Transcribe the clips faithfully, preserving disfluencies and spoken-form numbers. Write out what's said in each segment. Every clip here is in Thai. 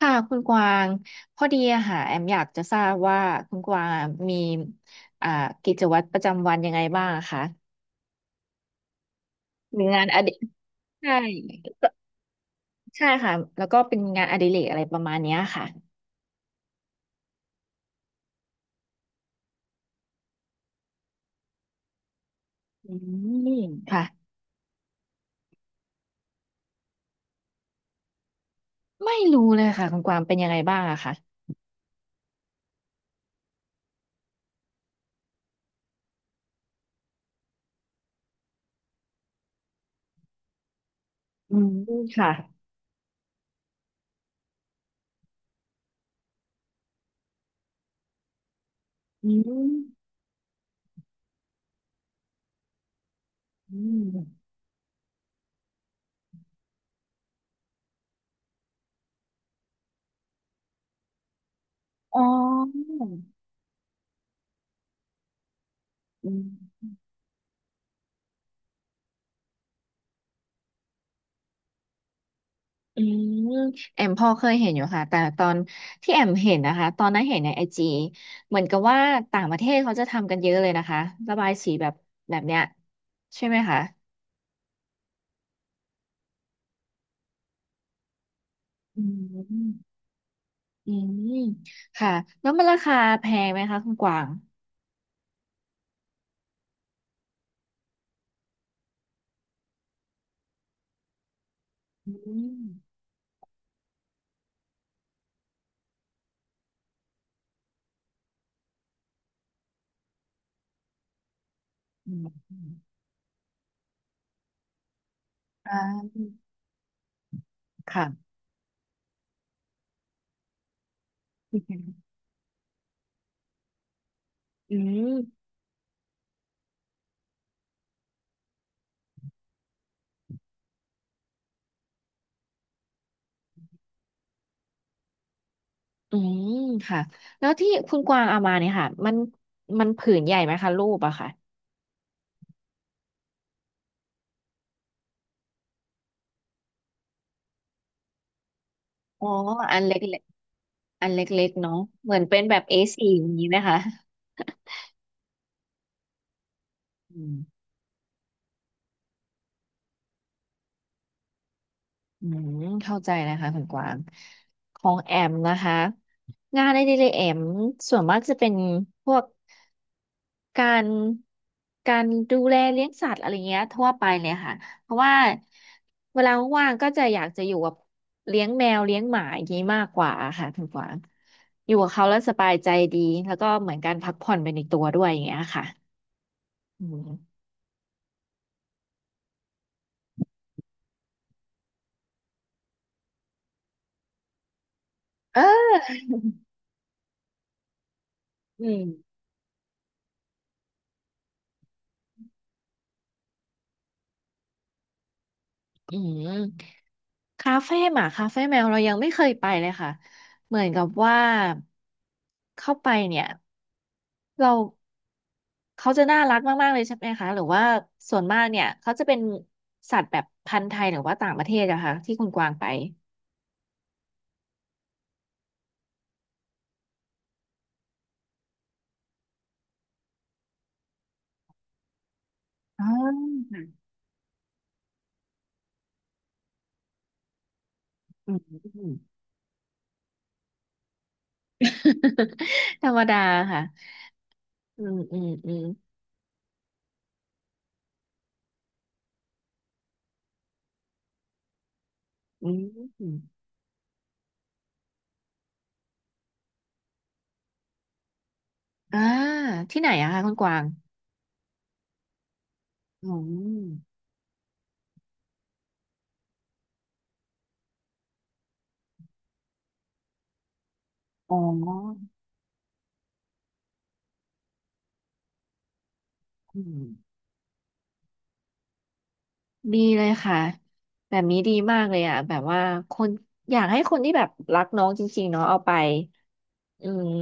ค่ะคุณกวางพอดีอะค่ะแอมอยากจะทราบว่าคุณกวางมีอ่ากิจวัตรประจำวันยังไงบ้างอะคะมีงานอดิใช่ก็ใช่ค่ะแล้วก็เป็นงานอดิเรกอะไรประมาณเนี้ยค่ะอืมค่ะไม่รู้เลยค่ะคุณกวางเป็นยังไงบ้างอะคะอืมค่ะอืมอืมอ๋อ อืมแอมพอเคยเห็นอยู่ค่ะแต่ตอนที่แอมเห็นนะคะตอนนั้นเห็นในไอจีเหมือนกับว่าต่างประเทศเขาจะทำกันเยอะเลยนะคะระบายสีแบบแบบเนี้ยใช่ไหมคะอืมอืมค่ะแล้วมันราคาแพงไหมคะคุณกวางอืมอืมอ่าค่ะอืมอืมอืมค่ะแล้วที่คุณกวางเอามาเนี่ยค่ะมันมันผืนใหญ่ไหมคะรูปอะค่ะอ๋ออันเล็กๆ อันเล็กๆเนาะเหมือนเป็นแบบ เอ สี่ อสี่อย่างนี้นะคะอืมอืมเข้าใจนะคะคุณกวางของแอมนะคะงานในดีเลยแอมส่วนมากจะเป็นพวกการการดูแลเลี้ยงสัตว์อะไรเงี้ยทั่วไปเลยค่ะเพราะว่าเวลาว่างๆก็จะอยากจะอยู่กับเลี้ยงแมวเลี้ยงหมาอย่างนี้มากกว่าค่ะคุณกวางอยู่กับเขาแล้วสบายใจดีแล้วก็เหมือนการพักผ่อนไปในตัวด้วยอย่างเงี้ยค่ะอืมเอออืมอืม คาเฟ่หมาคาเฟ่แมวเรายังไม่เคยไปเลยค่ะเหมือนกับว่าเข้าไปเนี่ยเราเขาจะน่ารักมากๆเลยใช่ไหมคะหรือว่าส่วนมากเนี่ยเขาจะเป็นสัตว์แบบพันธุ์ไทยหรือว่าต่างประเทศอะคะที่คุณกวางไปอ่าอืม อืม ธรรมดาค่ะอืมอืมอืมอืมอ่าที่ไหนอะคะคุณกวางอืมอ๋ออืม ดีเลยค่ะแบบนี้ดีมากเลยอ่ะแบบว่าคนอยากให้คนที่แบบรักน้องจริงๆเนาะเอาไปอืม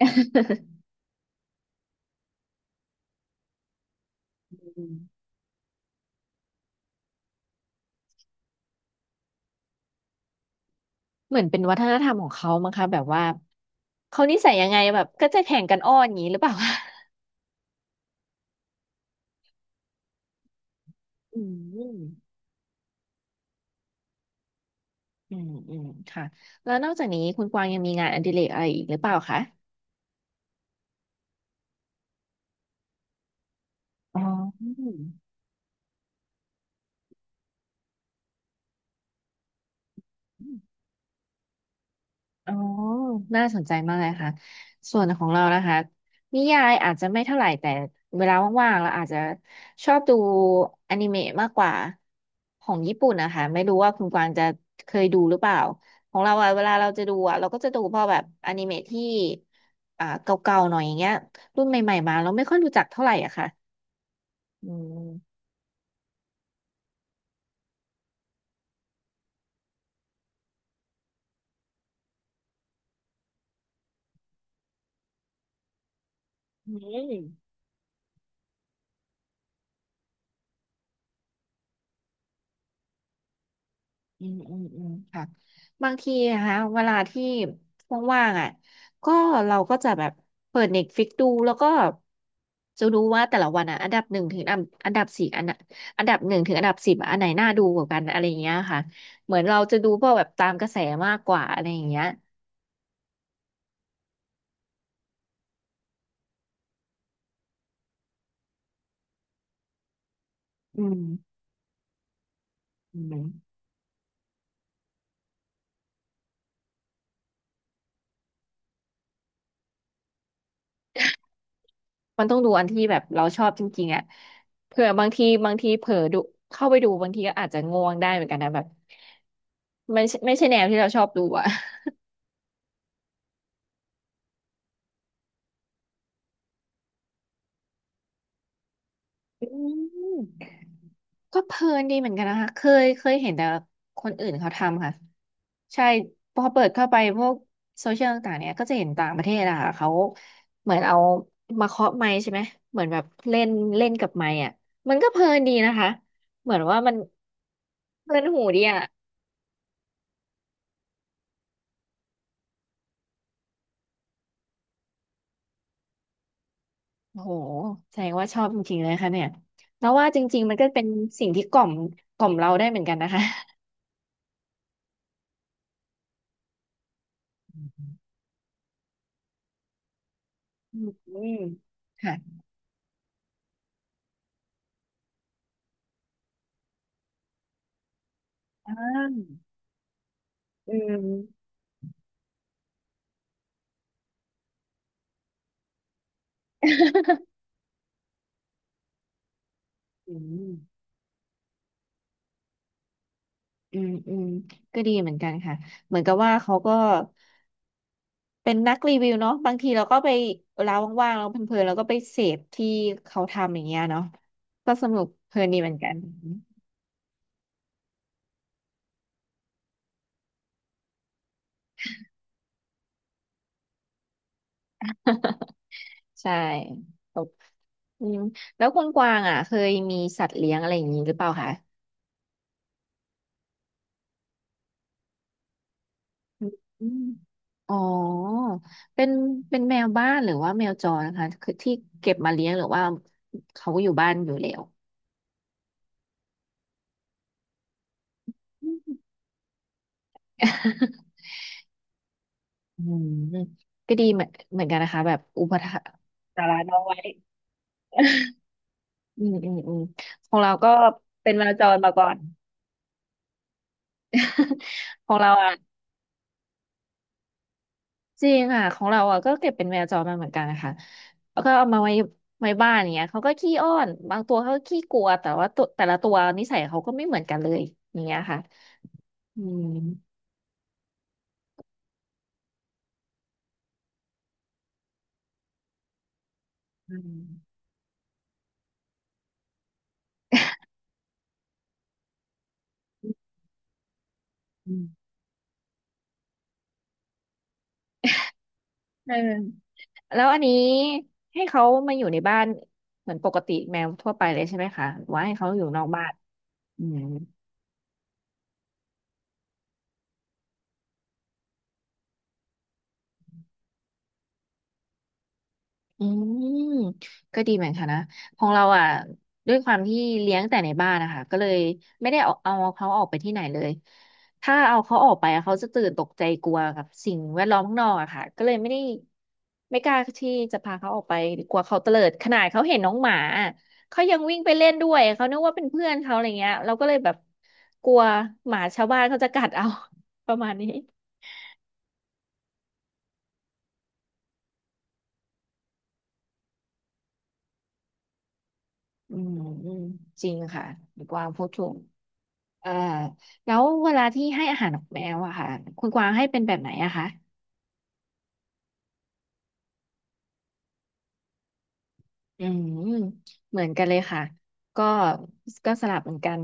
อืมเหมือนเป็นวัฒนธรรมของเขามั้งคะแบบว่าเขานิสัยยังไงแบบก็จะแข่งกันอ้อนอย่างนี้หรือเปล่า อืมอืมอืมค่ะแล้วนอกจากนี้คุณกวางยังมีงานอดิเรกอะไรอีกหรือเปล่าคะอ๋อ อ๋อน่าสนใจมากเลยค่ะส่วนของเรานะคะนิยายอาจจะไม่เท่าไหร่แต่เวลาว่างๆเราอาจจะชอบดูอนิเมะมากกว่าของญี่ปุ่นนะคะไม่รู้ว่าคุณกวางจะเคยดูหรือเปล่าของเราอะเวลาเราจะดูอะเราก็จะดูพอแบบอนิเมะที่อ่าเก่าๆหน่อยอย่างเงี้ยรุ่นใหม่ๆมาเราไม่ค่อยรู้จักเท่าไหร่อะค่ะอืมอืม อืมอืมอืมค่ะบางทีนะคะเวลาที่ว่างๆอ่ะก็เราก็จะแบบเปิดเน็ตฟลิกดูแล้วก็จะดูว่าแต่ละวันอ่ะอันดับหนึ่งถึงอันอันดับสี่อันน่ะอันดับหนึ่งถึงอันดับสิบอันไหนน่าดูกว่ากันอะไรอย่างเงี้ยค่ะเหมือนเราจะดูพวกแบบตามกระแสมากกว่าอะไรอย่างเงี้ยอืมอืมมันต้องดูอันที่แบบเราชอบจริงๆอ่ะเผื่อบางทีบางทีเผลอดูเข้าไปดูบางทีก็อาจจะง่วงได้เหมือนกันนะแบบไม่ใช่ไม่ใช่แนวที่เราชอบดูอ่ะ อืมก็เพลินดีเหมือนกันนะคะเคยเคยเห็นแต่คนอื่นเขาทำค่ะใช่พอเปิดเข้าไปพวกโซเชียลต่างๆเนี่ยก็จะเห็นต่างประเทศอะค่ะเขาเหมือนเอามาเคาะไมค์ใช่ไหมเหมือนแบบเล่นเล่นกับไมค์อะมันก็เพลินดีนะคะเหมือนว่ามันเพลินหูดีอะโอ้โหแสดงว่าชอบจริงๆเลยค่ะเนี่ยแล้วว่าจริงๆมันก็เป็นสิ่งที่กล่อมกล่อมเราได้เหมือนกันนะคะอืมค่ะอืมอืมอืม อืมอืมก็ดีเหมือนกันค่ะเหมือนกับว่าเขาก็เป็นนักรีวิวเนาะบางทีเราก็ไปเวลาว่างๆเราเพลินๆเราก็ไปเสพที่เขาทำอย่างเงี้ยเนาะก็สนุกเพลินดีเหมือนกัน ใช่ตบอืมแล้วคุณกวางอ่ะเคยมีสัตว์เลี้ยงอะไรอย่างนี้หรือเปล่าคะอืมอ๋อเป็นเป็นแมวบ้านหรือว่าแมวจรนะคะคือที่เก็บมาเลี้ยงหรือว่าเขาอยู่บ้านอยู่แล้วอืม อืมก็ดีเหมือนเหมือนกันนะคะแบบอุปถัมภ์สาระน้องไว้อืมอืมอืมของเราก็เป็นแมวจรมาก่อน ของเราอ่ะจริงค่ะของเราอ่ะก็เก็บเป็นแมวจรมาเหมือนกันนะคะแล้วก็เอามาไว้ไว้บ้านอย่างเงี้ยเขาก็ขี้อ้อนบางตัวเขาก็ขี้กลัวแต่ว่าตัวแต่ละตัวนิสัยเขาก็ไม่เหมือนกันเลยอย่างเงี้ยค่ะอืมอืมอืมเออแล้วอันนี้ให้เขามาอยู่ในบ้านเหมือนปกติแมวทั่วไปเลยใใช่ไหมคะหรือว่าให้เขาอยู่นอกบ้าน อืมอืมก็ดีเหมือนกันนะของเราอ่ะด้วยความที่เลี้ยงแต่ในบ้านนะคะก็เลยไม่ได้เอาเอาเขาออกไปที่ไหนเลยถ้าเอาเขาออกไปอะเขาจะตื่นตกใจกลัวกับสิ่งแวดล้อมข้างนอกอะค่ะก็เลยไม่ได้ไม่กล้าที่จะพาเขาออกไปกลัวเขาเตลิดขนาดเขาเห็นน้องหมาอะเขายังวิ่งไปเล่นด้วยเขานึกว่าเป็นเพื่อนเขาอะไรเงี้ยเราก็เลยแบบกลัวหมาชาวบ้านเขาจะกัดเอา ประมาณนี้อืมอืมจริงค่ะดีกวางพูดถูก เอ่อแล้วเวลาที่ให้อาหารนกแมวอะค่ะคุณกวางให้เป็นแบบไหนอะคะอืมเหมือนกันเลยค่ะก็ก็สลับเหมือนกัน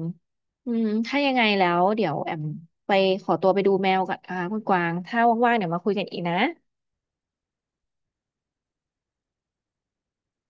อืมถ้ายังไงแล้วเดี๋ยวแอมไปขอตัวไปดูแมวก่อนนะคะคุณกวางถ้าว่างๆเดี๋ยวมาคุยกันอีกนะ